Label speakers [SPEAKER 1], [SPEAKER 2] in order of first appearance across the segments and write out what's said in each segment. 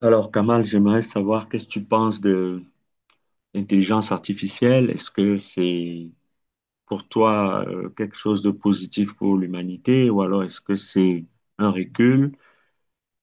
[SPEAKER 1] Alors, Kamal, j'aimerais savoir qu'est-ce que tu penses de l'intelligence artificielle. Est-ce que c'est pour toi quelque chose de positif pour l'humanité ou alors est-ce que c'est un recul?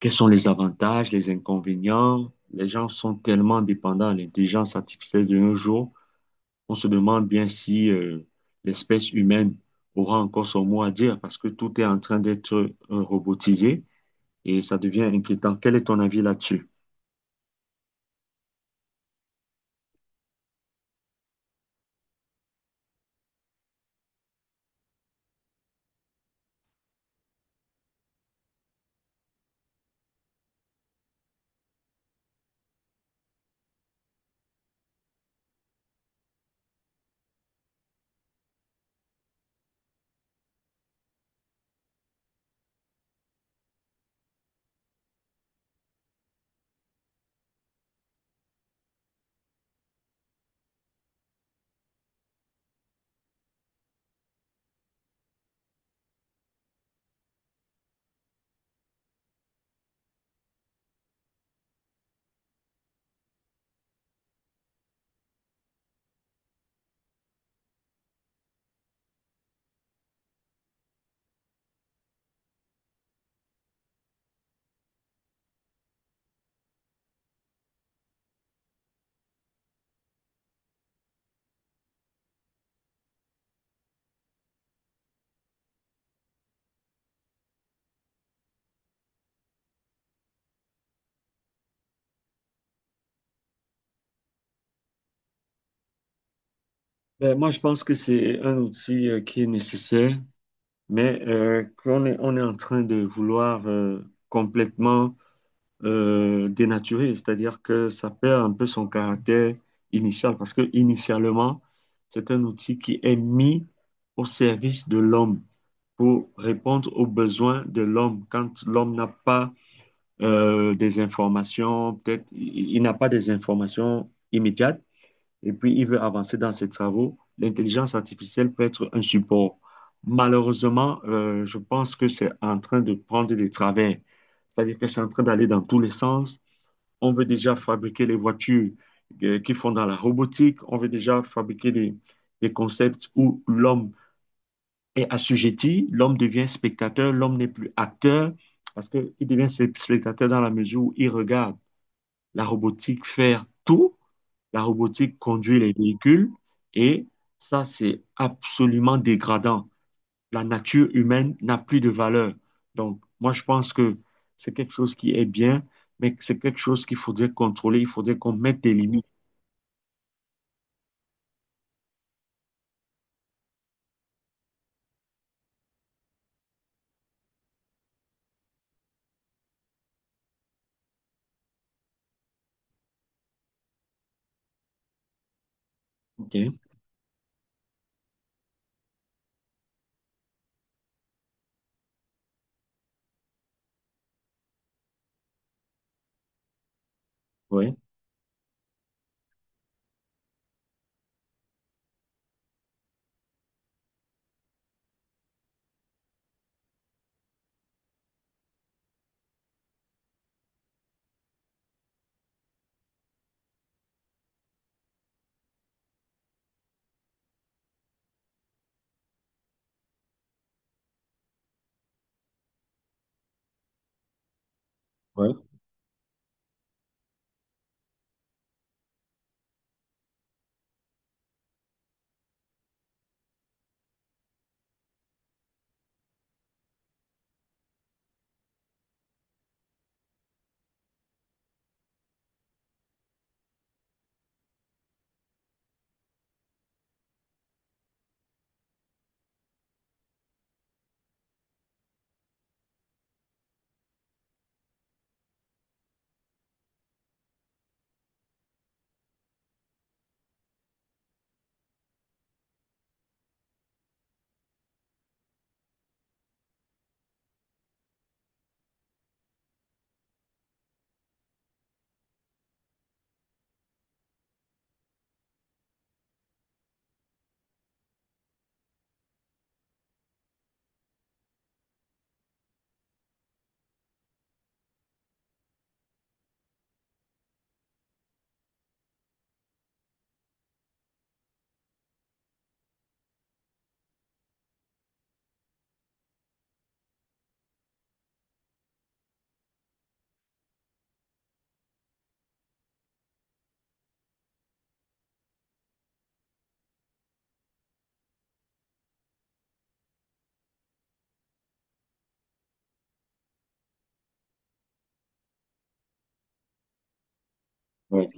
[SPEAKER 1] Quels sont les avantages, les inconvénients? Les gens sont tellement dépendants de l'intelligence artificielle de nos jours, on se demande bien si l'espèce humaine aura encore son mot à dire parce que tout est en train d'être robotisé et ça devient inquiétant. Quel est ton avis là-dessus? Ben, moi, je pense que c'est un outil qui est nécessaire, mais on est en train de vouloir complètement dénaturer, c'est-à-dire que ça perd un peu son caractère initial, parce que initialement, c'est un outil qui est mis au service de l'homme pour répondre aux besoins de l'homme. Quand l'homme n'a pas des informations, peut-être il n'a pas des informations immédiates et puis il veut avancer dans ses travaux, l'intelligence artificielle peut être un support. Malheureusement, je pense que c'est en train de prendre des travers, c'est-à-dire que c'est en train d'aller dans tous les sens. On veut déjà fabriquer les voitures qui font dans la robotique, on veut déjà fabriquer des concepts où l'homme est assujetti, l'homme devient spectateur, l'homme n'est plus acteur, parce qu'il devient spectateur dans la mesure où il regarde la robotique faire tout, la robotique conduit les véhicules, et ça, c'est absolument dégradant. La nature humaine n'a plus de valeur. Donc, moi, je pense que c'est quelque chose qui est bien, mais que c'est quelque chose qu'il faudrait contrôler. Il faudrait qu'on mette des limites. OK? Ouais, ouais, ouais.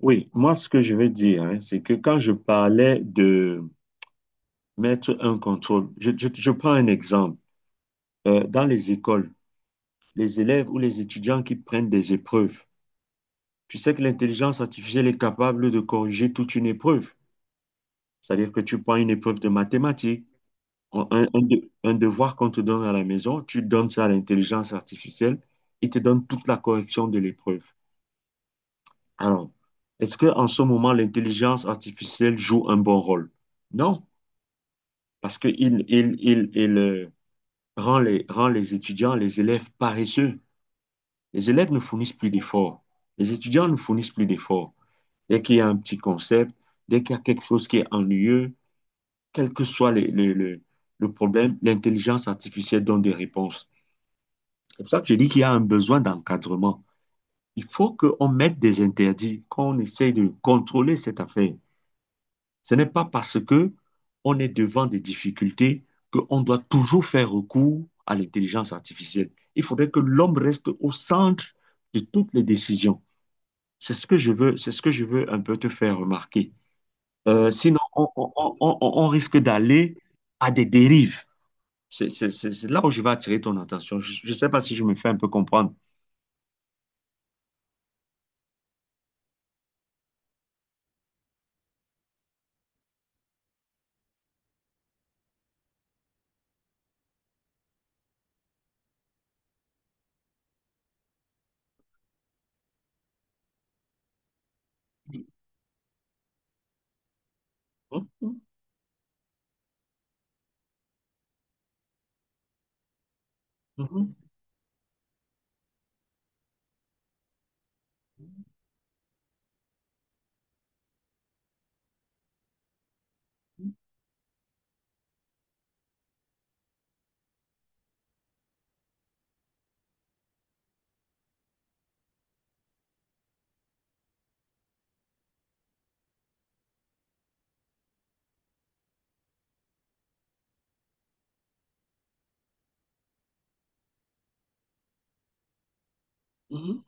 [SPEAKER 1] Oui, moi, ce que je vais dire, hein, c'est que quand je parlais de mettre un contrôle, je prends un exemple. Dans les écoles, les élèves ou les étudiants qui prennent des épreuves, tu sais que l'intelligence artificielle est capable de corriger toute une épreuve. C'est-à-dire que tu prends une épreuve de mathématiques, un devoir qu'on te donne à la maison, tu donnes ça à l'intelligence artificielle, il te donne toute la correction de l'épreuve. Alors, est-ce que en ce moment, l'intelligence artificielle joue un bon rôle? Non, parce qu'il rend rend les étudiants, les élèves paresseux. Les élèves ne fournissent plus d'efforts. Les étudiants ne fournissent plus d'efforts. Dès qu'il y a un petit concept, dès qu'il y a quelque chose qui est ennuyeux, quel que soit le problème, l'intelligence artificielle donne des réponses. C'est pour ça que je dis qu'il y a un besoin d'encadrement. Il faut qu'on mette des interdits, qu'on essaye de contrôler cette affaire. Ce n'est pas parce que on est devant des difficultés qu'on doit toujours faire recours à l'intelligence artificielle. Il faudrait que l'homme reste au centre de toutes les décisions. C'est ce que je veux, c'est ce que je veux un peu te faire remarquer. Sinon, on risque d'aller à des dérives. C'est là où je vais attirer ton attention. Je ne sais pas si je me fais un peu comprendre. Mhm, mhm, mhm.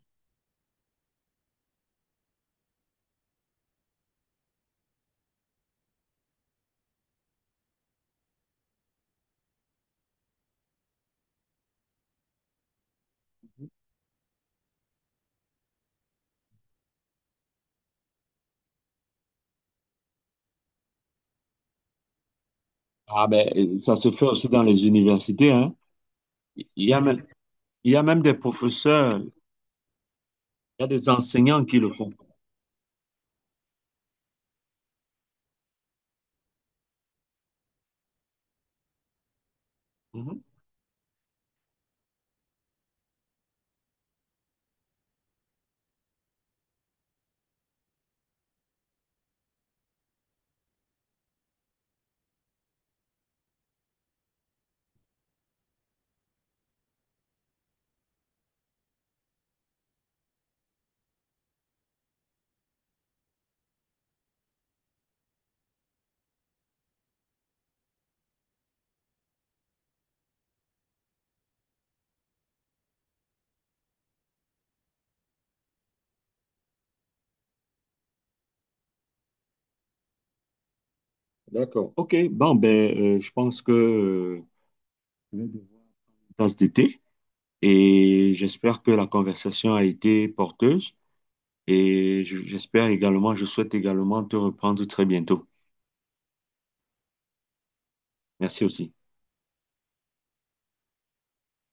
[SPEAKER 1] Ah ben, ça se fait aussi dans les universités, hein. Il y a même, il y a même des professeurs, il y a des enseignants qui le font. Mhm. D'accord. OK. Bon, ben, je pense que je vais devoir une tasse de thé et j'espère que la conversation a été porteuse et j'espère également, je souhaite également te reprendre très bientôt. Merci aussi.